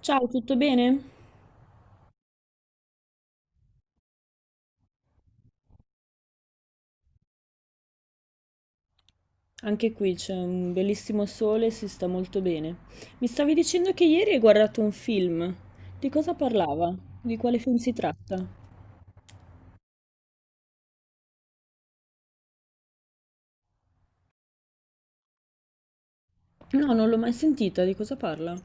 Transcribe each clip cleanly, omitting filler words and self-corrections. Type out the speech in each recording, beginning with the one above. Ciao, tutto bene? Anche qui c'è un bellissimo sole e si sta molto bene. Mi stavi dicendo che ieri hai guardato un film. Di cosa parlava? Di quale film si tratta? No, non l'ho mai sentita, di cosa parla?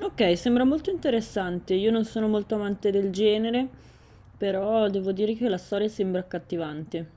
Ok, sembra molto interessante. Io non sono molto amante del genere, però devo dire che la storia sembra accattivante.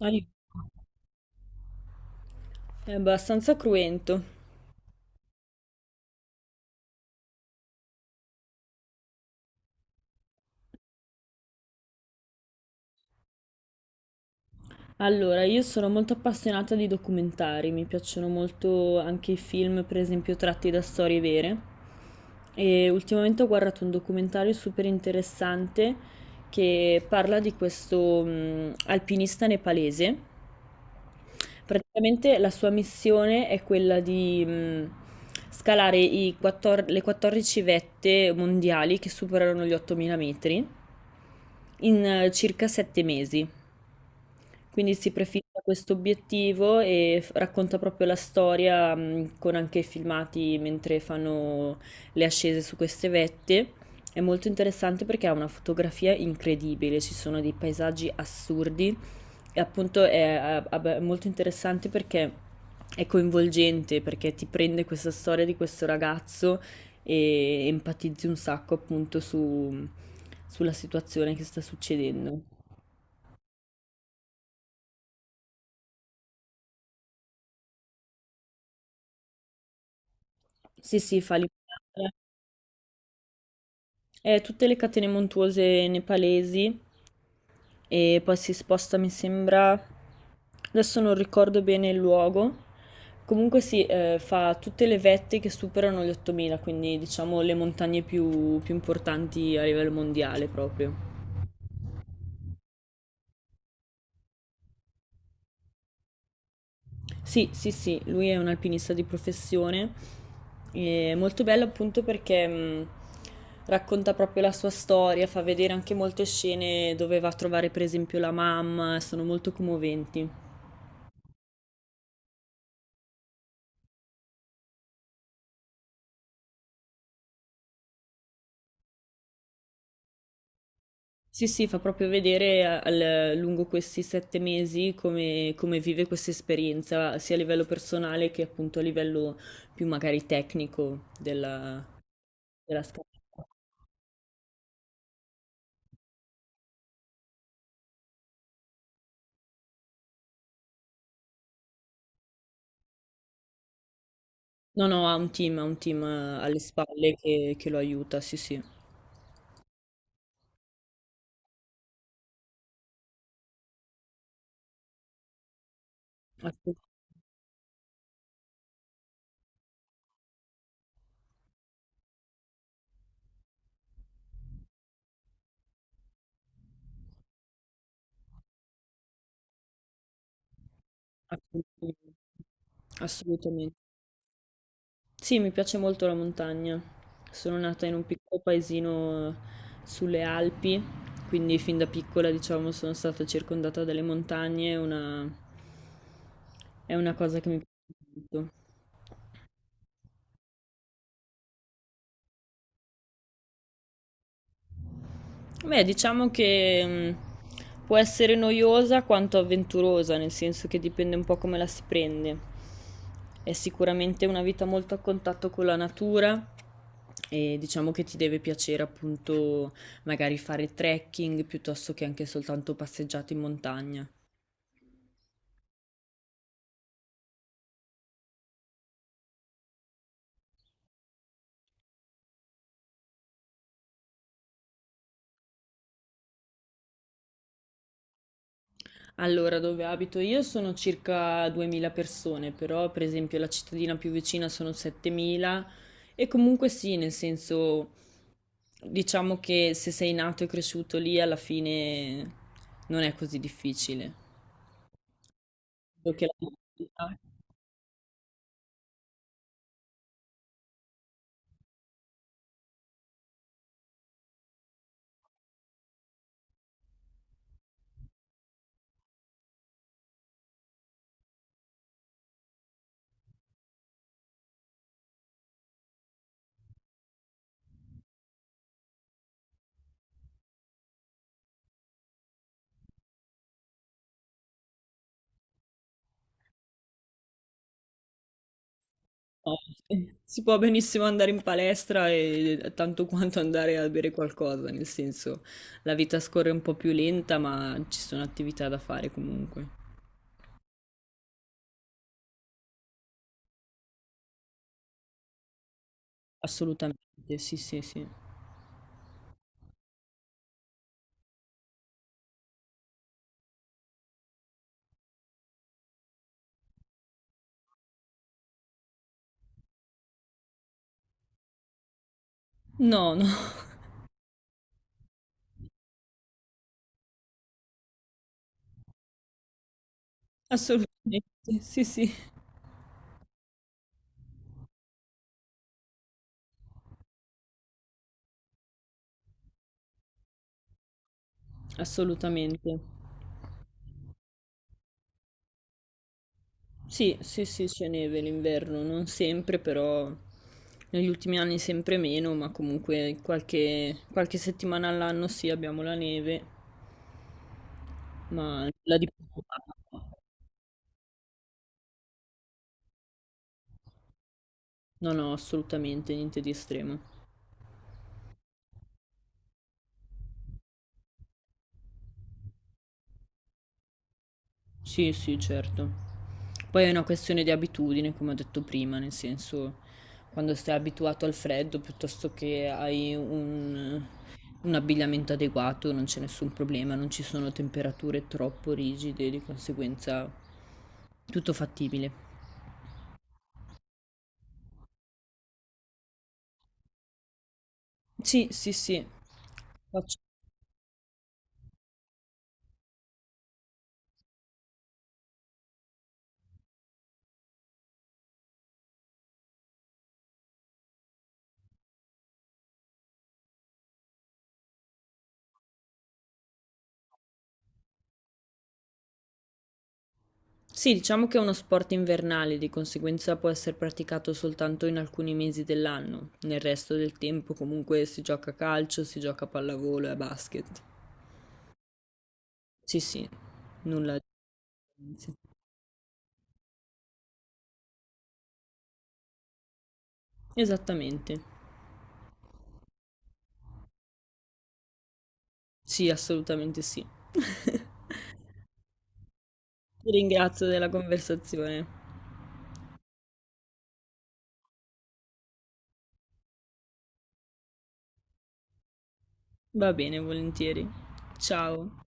Ah, è abbastanza cruento. Allora, io sono molto appassionata di documentari, mi piacciono molto anche i film, per esempio, tratti da storie vere. E ultimamente ho guardato un documentario super interessante che parla di questo alpinista nepalese. Praticamente la sua missione è quella di scalare i 14 le 14 vette mondiali che superano gli 8000 metri in circa 7 mesi. Quindi si prefissa questo obiettivo e racconta proprio la storia, con anche filmati mentre fanno le ascese su queste vette. È molto interessante perché ha una fotografia incredibile, ci sono dei paesaggi assurdi e appunto vabbè, è molto interessante perché è coinvolgente, perché ti prende questa storia di questo ragazzo e empatizzi un sacco appunto sulla situazione che sta succedendo. Sì, sì, fa l'impresa. Tutte le catene montuose nepalesi e poi si sposta, mi sembra, adesso non ricordo bene il luogo. Comunque si fa tutte le vette che superano gli 8000, quindi diciamo le montagne più importanti a livello mondiale proprio. Sì, sì, sì, lui è un alpinista di professione. È molto bello appunto perché racconta proprio la sua storia, fa vedere anche molte scene dove va a trovare per esempio la mamma, sono molto commoventi. Sì, sì, fa proprio vedere lungo questi 7 mesi come, come vive questa esperienza, sia a livello personale che appunto a livello più magari tecnico della, della scalata. No, no, ha un team alle spalle che lo aiuta, sì, sì. Assu- Assolutamente. Assolutamente. Sì, mi piace molto la montagna. Sono nata in un piccolo paesino sulle Alpi, quindi fin da piccola, diciamo, sono stata circondata dalle montagne, è una cosa che mi piace molto. Beh, diciamo che può essere noiosa quanto avventurosa, nel senso che dipende un po' come la si prende. È sicuramente una vita molto a contatto con la natura e diciamo che ti deve piacere appunto magari fare trekking piuttosto che anche soltanto passeggiate in montagna. Allora, dove abito io sono circa 2000 persone, però per esempio la cittadina più vicina sono 7000 e comunque sì, nel senso diciamo che se sei nato e cresciuto lì, alla fine non è così difficile. Solo che la mentalità- No. Si può benissimo andare in palestra e tanto quanto andare a bere qualcosa, nel senso la vita scorre un po' più lenta, ma ci sono attività da fare comunque. Assolutamente, sì, sì, sì. No, no, assolutamente, sì, sì, assolutamente. Sì, sì, sì, c'è neve l'inverno, non sempre, però negli ultimi anni sempre meno, ma comunque qualche settimana all'anno sì, abbiamo la neve, ma la di... No, no, assolutamente niente di estremo. Sì, sì, certo. Poi è una questione di abitudine, come ho detto prima, nel senso, quando stai abituato al freddo piuttosto che hai un abbigliamento adeguato, non c'è nessun problema, non ci sono temperature troppo rigide, di conseguenza tutto fattibile. Sì, sì, sì. Faccio. Sì, diciamo che è uno sport invernale, di conseguenza può essere praticato soltanto in alcuni mesi dell'anno. Nel resto del tempo comunque si gioca a calcio, si gioca a pallavolo e a basket. Sì, sì, nulla di differenza. Esattamente. Sì, assolutamente sì. Ti ringrazio della conversazione. Va bene, volentieri. Ciao.